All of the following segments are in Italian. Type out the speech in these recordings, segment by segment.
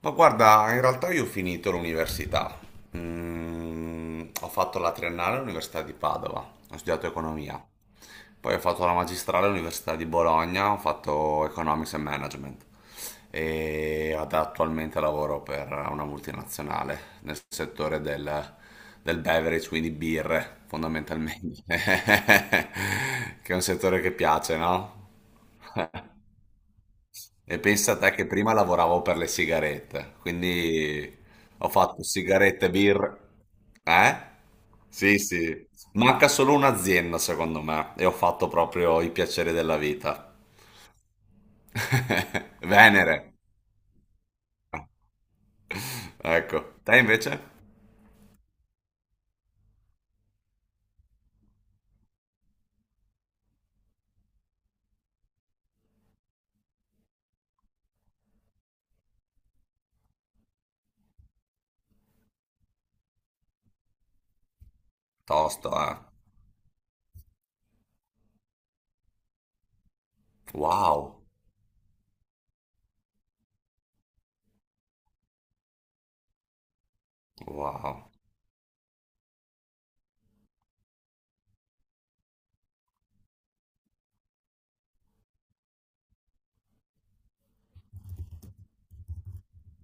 Ma guarda, in realtà io ho finito l'università. Ho fatto la triennale all'Università di Padova, ho studiato economia. Poi ho fatto la magistrale all'Università di Bologna, ho fatto Economics and Management. E attualmente lavoro per una multinazionale nel settore del beverage, quindi birre, fondamentalmente. Che è un settore che piace, no? E pensa a te che prima lavoravo per le sigarette, quindi ho fatto sigarette, birra. Eh? Sì, sì. Manca solo un'azienda, secondo me, e ho fatto proprio i piaceri della vita. Venere. Ecco. Te invece? Tosto, eh. Wow. Wow.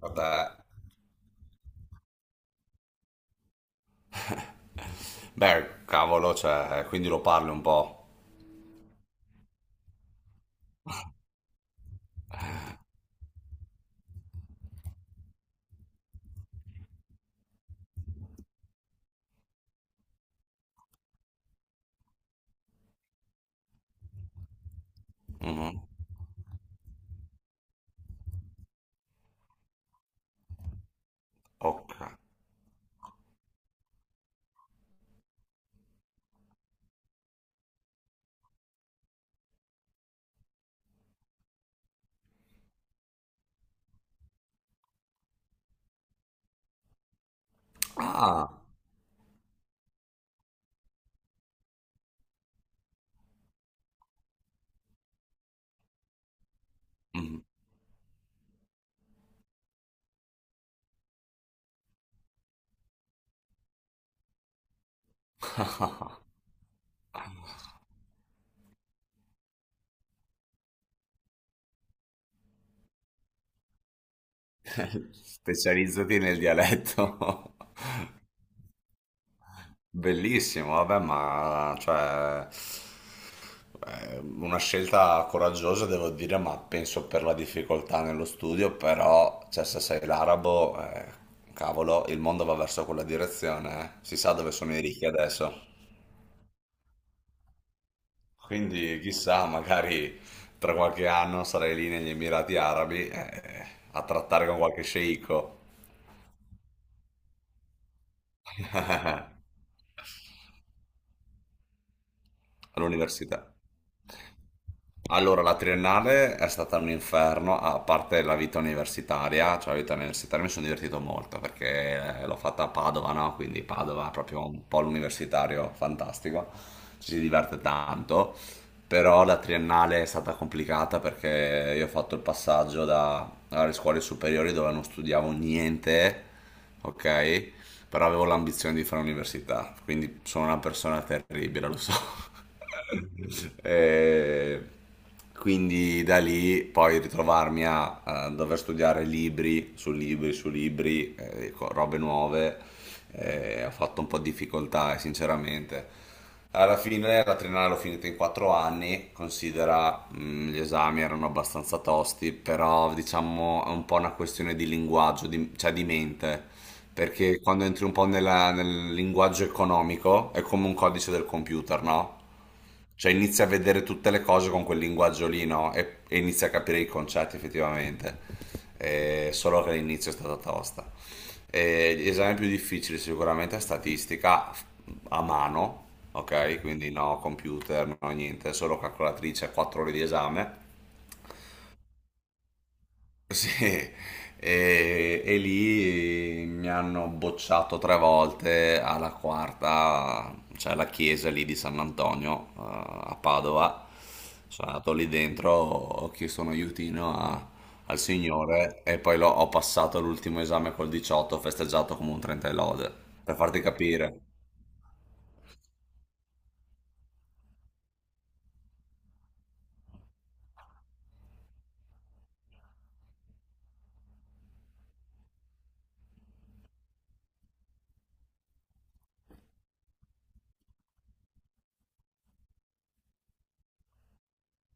Vabbè. Beh, cavolo, cioè, quindi lo parli un po'. Mhm. Ok. Ah. Mhm. Specializzati nel dialetto. Bellissimo, vabbè, ma cioè, una scelta coraggiosa devo dire, ma penso per la difficoltà nello studio, però cioè, se sei l'arabo, cavolo, il mondo va verso quella direzione, eh. Si sa dove sono i ricchi adesso. Quindi chissà, magari tra qualche anno sarai lì negli Emirati Arabi, a trattare con qualche sceicco all'università. Allora, la triennale è stata un inferno, a parte la vita universitaria, cioè la vita universitaria mi sono divertito molto perché l'ho fatta a Padova, no? Quindi Padova è proprio un polo universitario fantastico, ci si diverte tanto, però la triennale è stata complicata perché io ho fatto il passaggio dalle scuole superiori dove non studiavo niente, ok? Però avevo l'ambizione di fare università, quindi sono una persona terribile, lo so. E quindi da lì poi ritrovarmi a, dover studiare libri su libri su libri, robe nuove, ho fatto un po' di difficoltà, sinceramente. Alla fine la triennale l'ho finita in 4 anni, considera gli esami erano abbastanza tosti, però diciamo è un po' una questione di linguaggio, cioè di mente. Perché quando entri un po' nel linguaggio economico è come un codice del computer, no? Cioè inizi a vedere tutte le cose con quel linguaggio lì, no? E inizi a capire i concetti effettivamente. Solo che l'inizio è stata tosta. Gli esami più difficili sicuramente è statistica a mano, ok? Quindi no computer, no niente, solo calcolatrice, 4 ore di esame. Sì, e lì mi hanno bocciato tre volte alla quarta, c'è la chiesa lì di San Antonio, a Padova. Sono andato lì dentro, ho chiesto un aiutino al signore e poi ho passato l'ultimo esame col 18, ho festeggiato come un 30 e lode, per farti capire.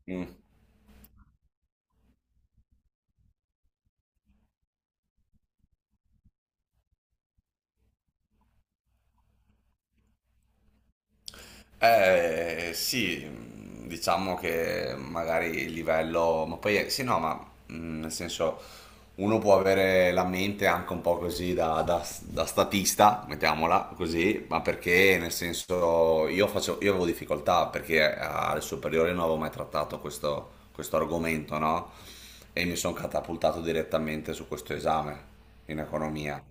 Mm. Sì, diciamo che magari il livello, ma poi sì, no, ma nel senso uno può avere la mente anche un po' così da statista, mettiamola così, ma perché nel senso io faccio, io avevo difficoltà perché alle superiori non avevo mai trattato questo, questo argomento, no? E mi sono catapultato direttamente su questo esame in economia.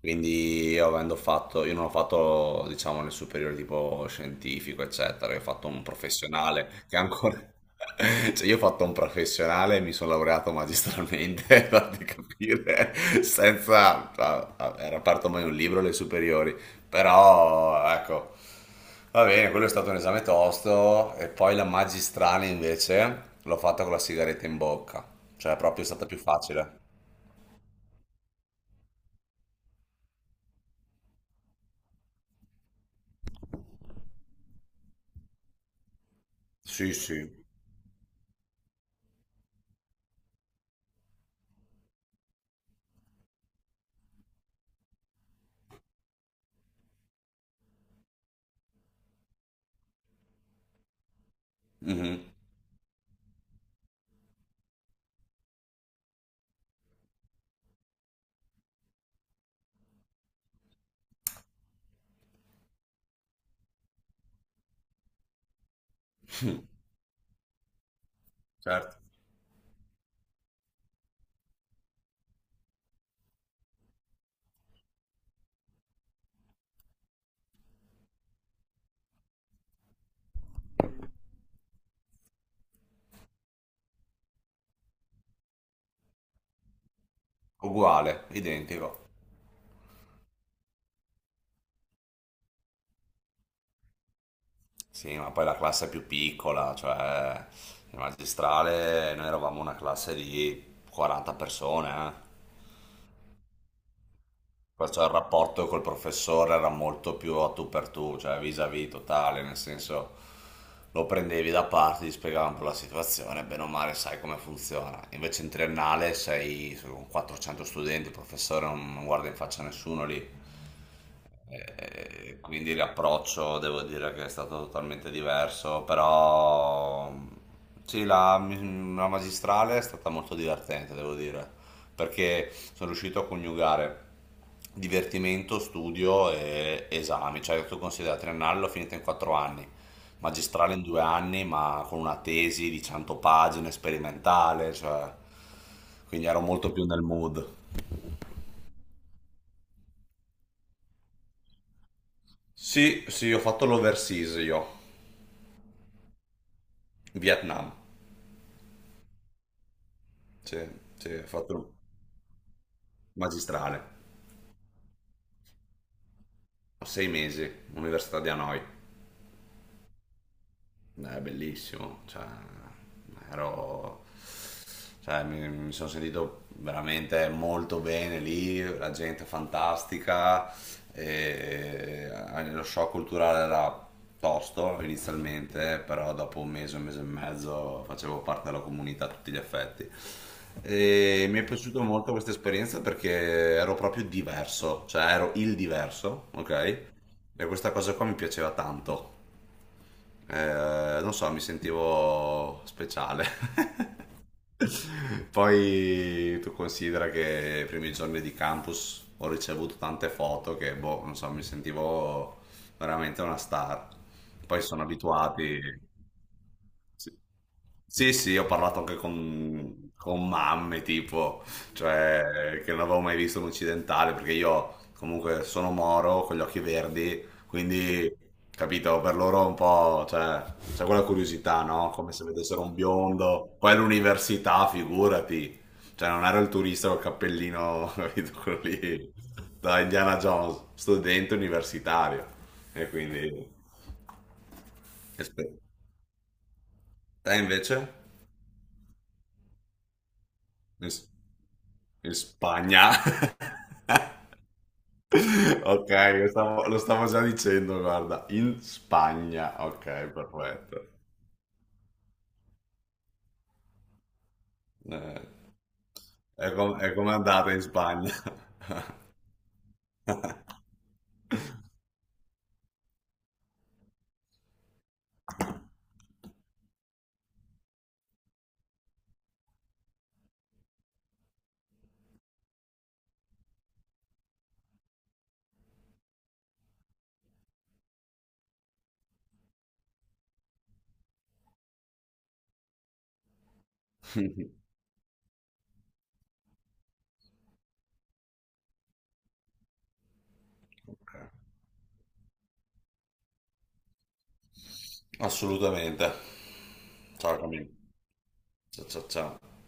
Quindi io avendo fatto, io non ho fatto diciamo nel superiore tipo scientifico eccetera, io ho fatto un professionale che ancora, cioè io ho fatto un professionale e mi sono laureato magistralmente, fate capire, senza, ah, ah, era aperto mai un libro alle superiori, però ecco, va bene, quello è stato un esame tosto e poi la magistrale invece l'ho fatta con la sigaretta in bocca, cioè proprio è stata più facile. Sì, sì, mhm, certo. Uguale, identico. Sì, ma poi la classe è più piccola, cioè il magistrale noi eravamo una classe di 40 persone, eh. Perciò il rapporto col professore era molto più a tu per tu, cioè vis-à-vis totale, nel senso lo prendevi da parte, ti spiegava un po' la situazione, bene o male sai come funziona. Invece in triennale sei con 400 studenti, il professore non guarda in faccia a nessuno lì. E quindi l'approccio devo dire che è stato totalmente diverso, però sì, la magistrale è stata molto divertente, devo dire, perché sono riuscito a coniugare divertimento, studio e esami, cioè tu considera triennale l'ho finita in quattro anni, magistrale in 2 anni, ma con una tesi di 100 pagine, sperimentale, cioè, quindi ero molto più nel mood. Sì, sì, ho fatto l'overseas io, Vietnam. Sì, sì, ho fatto magistrale. Ho 6 mesi, Università di Hanoi. È bellissimo, cioè, ero, cioè, mi sono sentito veramente molto bene lì, la gente fantastica, e, lo shock culturale era tosto inizialmente, però dopo un mese e mezzo facevo parte della comunità a tutti gli effetti. E mi è piaciuta molto questa esperienza perché ero proprio diverso, cioè ero il diverso, ok? E questa cosa qua mi piaceva tanto. Non so, mi sentivo speciale. Poi tu considera che i primi giorni di campus ho ricevuto tante foto che, boh, non so, mi sentivo veramente una star. Poi sono abituati. Sì, sì, sì, ho parlato anche con mamme, tipo, cioè, che non avevo mai visto un occidentale, perché io comunque sono moro, con gli occhi verdi, quindi, capito, per loro è un po', cioè, c'è quella curiosità, no? Come se vedessero un biondo, poi all'università, figurati, cioè, non ero il turista col cappellino, capito, quello lì, da Indiana Jones, studente universitario, e quindi, aspetta, te invece? In Spagna. Ok, lo stavo già dicendo, guarda, in Spagna. Ok, perfetto. Eh, è come andata in Spagna? Ok. Assolutamente. Ciao Camillo. Ciao ciao ciao.